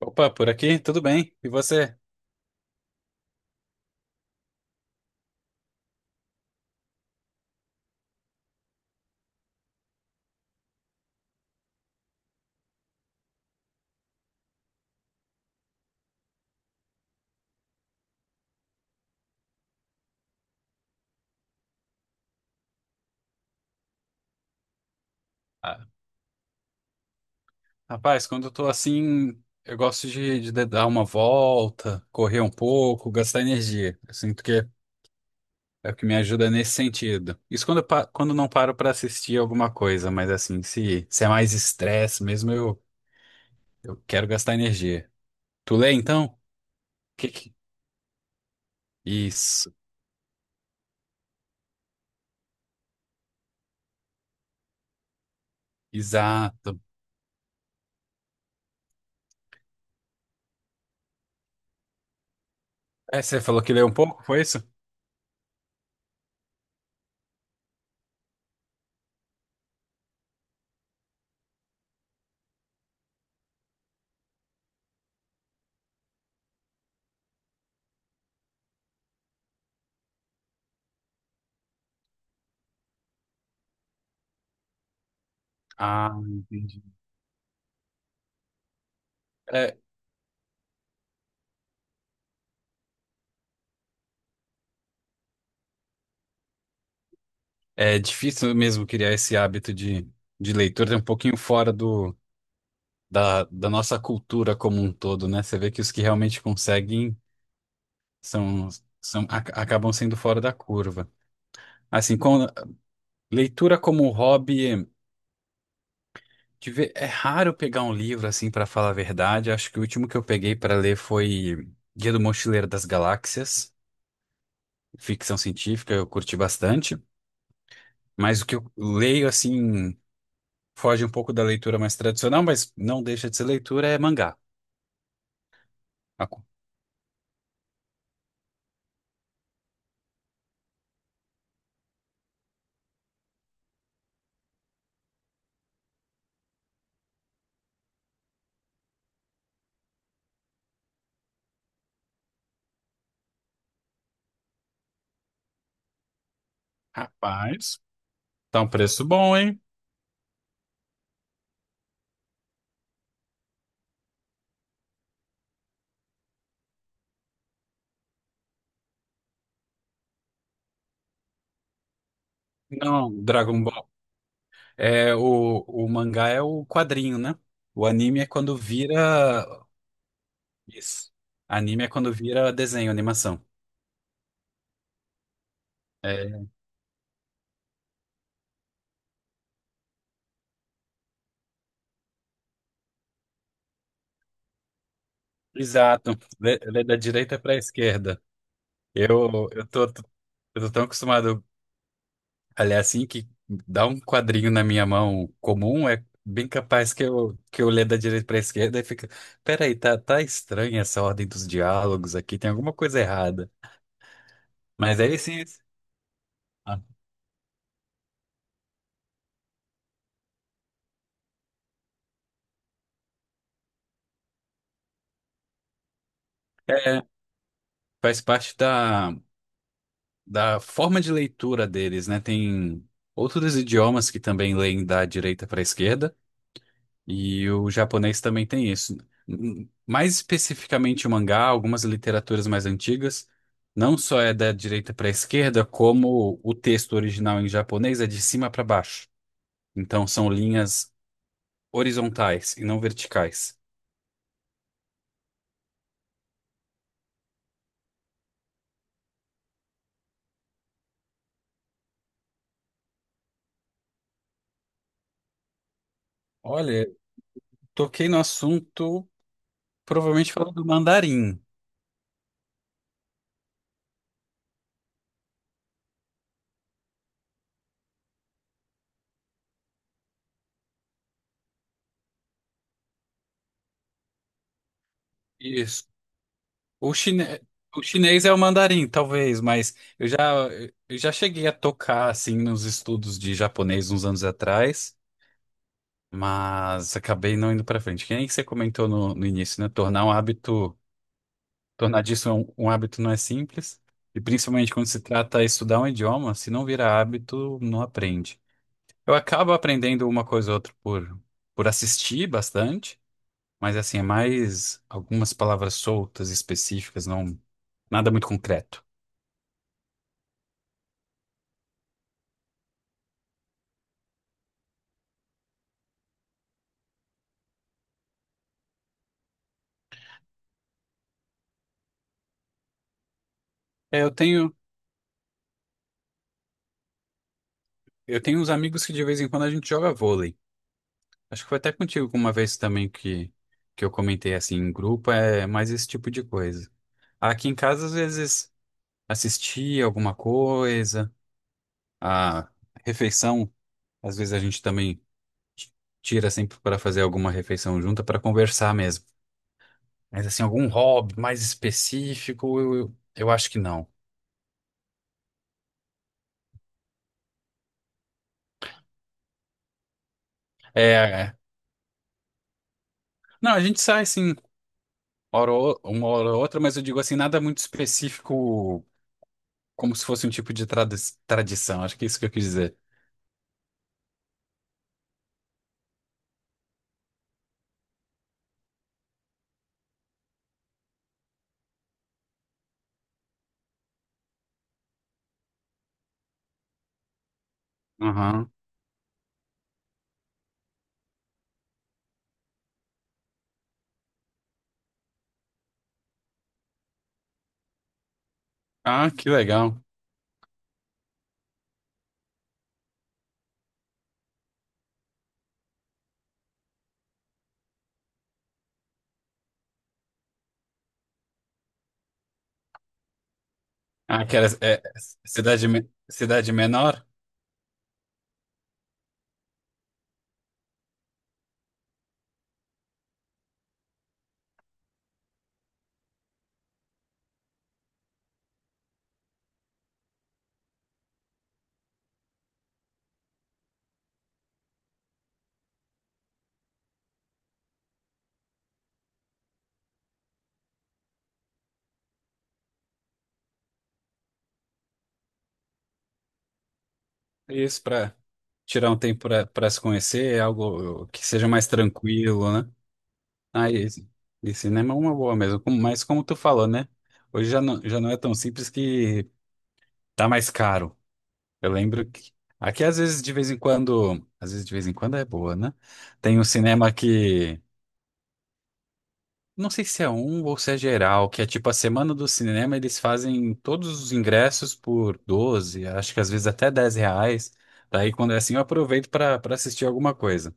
Opa, por aqui, tudo bem? E você? Ah, rapaz, quando eu tô assim, eu gosto de dar uma volta, correr um pouco, gastar energia. Eu sinto que é o que me ajuda nesse sentido. Isso quando, quando não paro pra assistir alguma coisa, mas assim, se é mais estresse mesmo, eu quero gastar energia. Tu lê então? Que que- Isso, exato. É, você falou que lê um pouco, foi isso? Ah, entendi. É, é difícil mesmo criar esse hábito de leitura, é um pouquinho fora do da nossa cultura como um todo, né? Você vê que os que realmente conseguem são, são acabam sendo fora da curva. Assim, com leitura como hobby, é raro pegar um livro assim para falar a verdade. Acho que o último que eu peguei para ler foi Guia do Mochileiro das Galáxias, ficção científica, eu curti bastante. Mas o que eu leio assim foge um pouco da leitura mais tradicional, mas não deixa de ser leitura, é mangá. Rapaz, tá um preço bom, hein? Não, Dragon Ball. É, o mangá é o quadrinho, né? O anime é quando vira. Isso. Anime é quando vira desenho, animação. É, exato. Da direita para a esquerda. Eu, eu tô, eu tô tão acostumado a ler assim que dá um quadrinho na minha mão comum, é bem capaz que eu ler da direita para a esquerda e fica. Peraí, tá estranha essa ordem dos diálogos aqui, tem alguma coisa errada. Mas aí sim. É, faz parte da. Da forma de leitura deles, né? Tem outros idiomas que também leem da direita para a esquerda, e o japonês também tem isso. Mais especificamente o mangá, algumas literaturas mais antigas, não só é da direita para a esquerda, como o texto original em japonês é de cima para baixo. Então são linhas horizontais e não verticais. Olha, toquei no assunto provavelmente falando do mandarim. Isso. O chine... o chinês é o mandarim, talvez, mas eu já cheguei a tocar assim nos estudos de japonês uns anos atrás, mas acabei não indo pra frente. Que nem você comentou no início, né? Tornar um hábito, tornar disso um hábito não é simples, e principalmente quando se trata de estudar um idioma, se não vira hábito, não aprende. Eu acabo aprendendo uma coisa ou outra por assistir bastante, mas assim, é mais algumas palavras soltas, específicas, não, nada muito concreto. É, eu tenho, eu tenho uns amigos que de vez em quando a gente joga vôlei. Acho que foi até contigo uma vez também que eu comentei assim em grupo, é mais esse tipo de coisa. Aqui em casa, às vezes, assistir alguma coisa, a refeição, às vezes a gente também t- tira sempre para fazer alguma refeição junta para conversar mesmo. Mas assim, algum hobby mais específico, eu eu acho que não. É, é. Não, a gente sai assim, uma hora ou outra, mas eu digo assim, nada muito específico como se fosse um tipo de tradição, acho que é isso que eu quis dizer. Aham. Ah, que legal. Ah, que era, é cidade, cidade menor? Isso, para tirar um tempo para se conhecer, é algo que seja mais tranquilo, né? Ah, e cinema é uma boa mesmo, mas como tu falou, né? Hoje já não é tão simples que tá mais caro. Eu lembro que aqui às vezes de vez em quando é boa, né? Tem um cinema que. Não sei se é um ou se é geral, que é tipo a semana do cinema, eles fazem todos os ingressos por 12. Acho que às vezes até R$ 10. Daí quando é assim eu aproveito para assistir alguma coisa.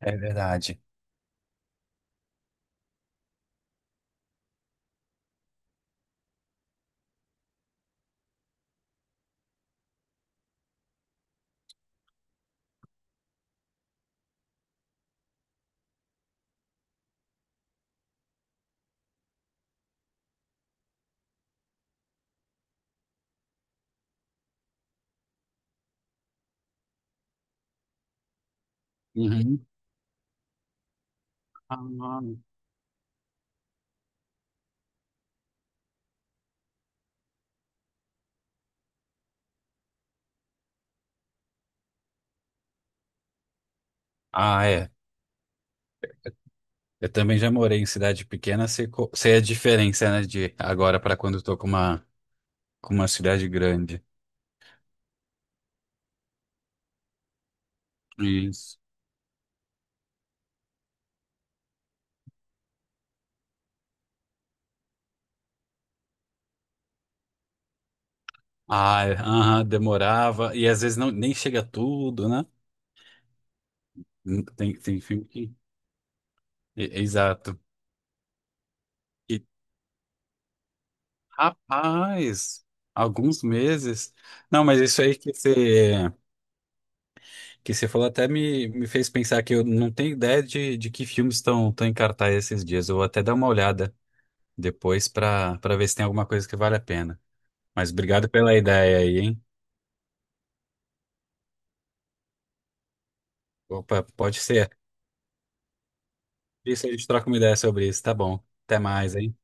É verdade. Uhum. Ah, é. Eu também já morei em cidade pequena, sei, sei a diferença, né, de agora para quando eu tô com uma cidade grande. Isso. Ah, é. Aham, demorava. E às vezes não, nem chega tudo, né? Tem filme que. Exato. Rapaz, alguns meses. Não, mas isso aí que você falou até me fez pensar que eu não tenho ideia de que filmes estão em cartaz esses dias. Eu vou até dar uma olhada depois para ver se tem alguma coisa que vale a pena. Mas obrigado pela ideia aí, hein? Opa, pode ser. Isso a gente troca uma ideia sobre isso, tá bom. Até mais, hein?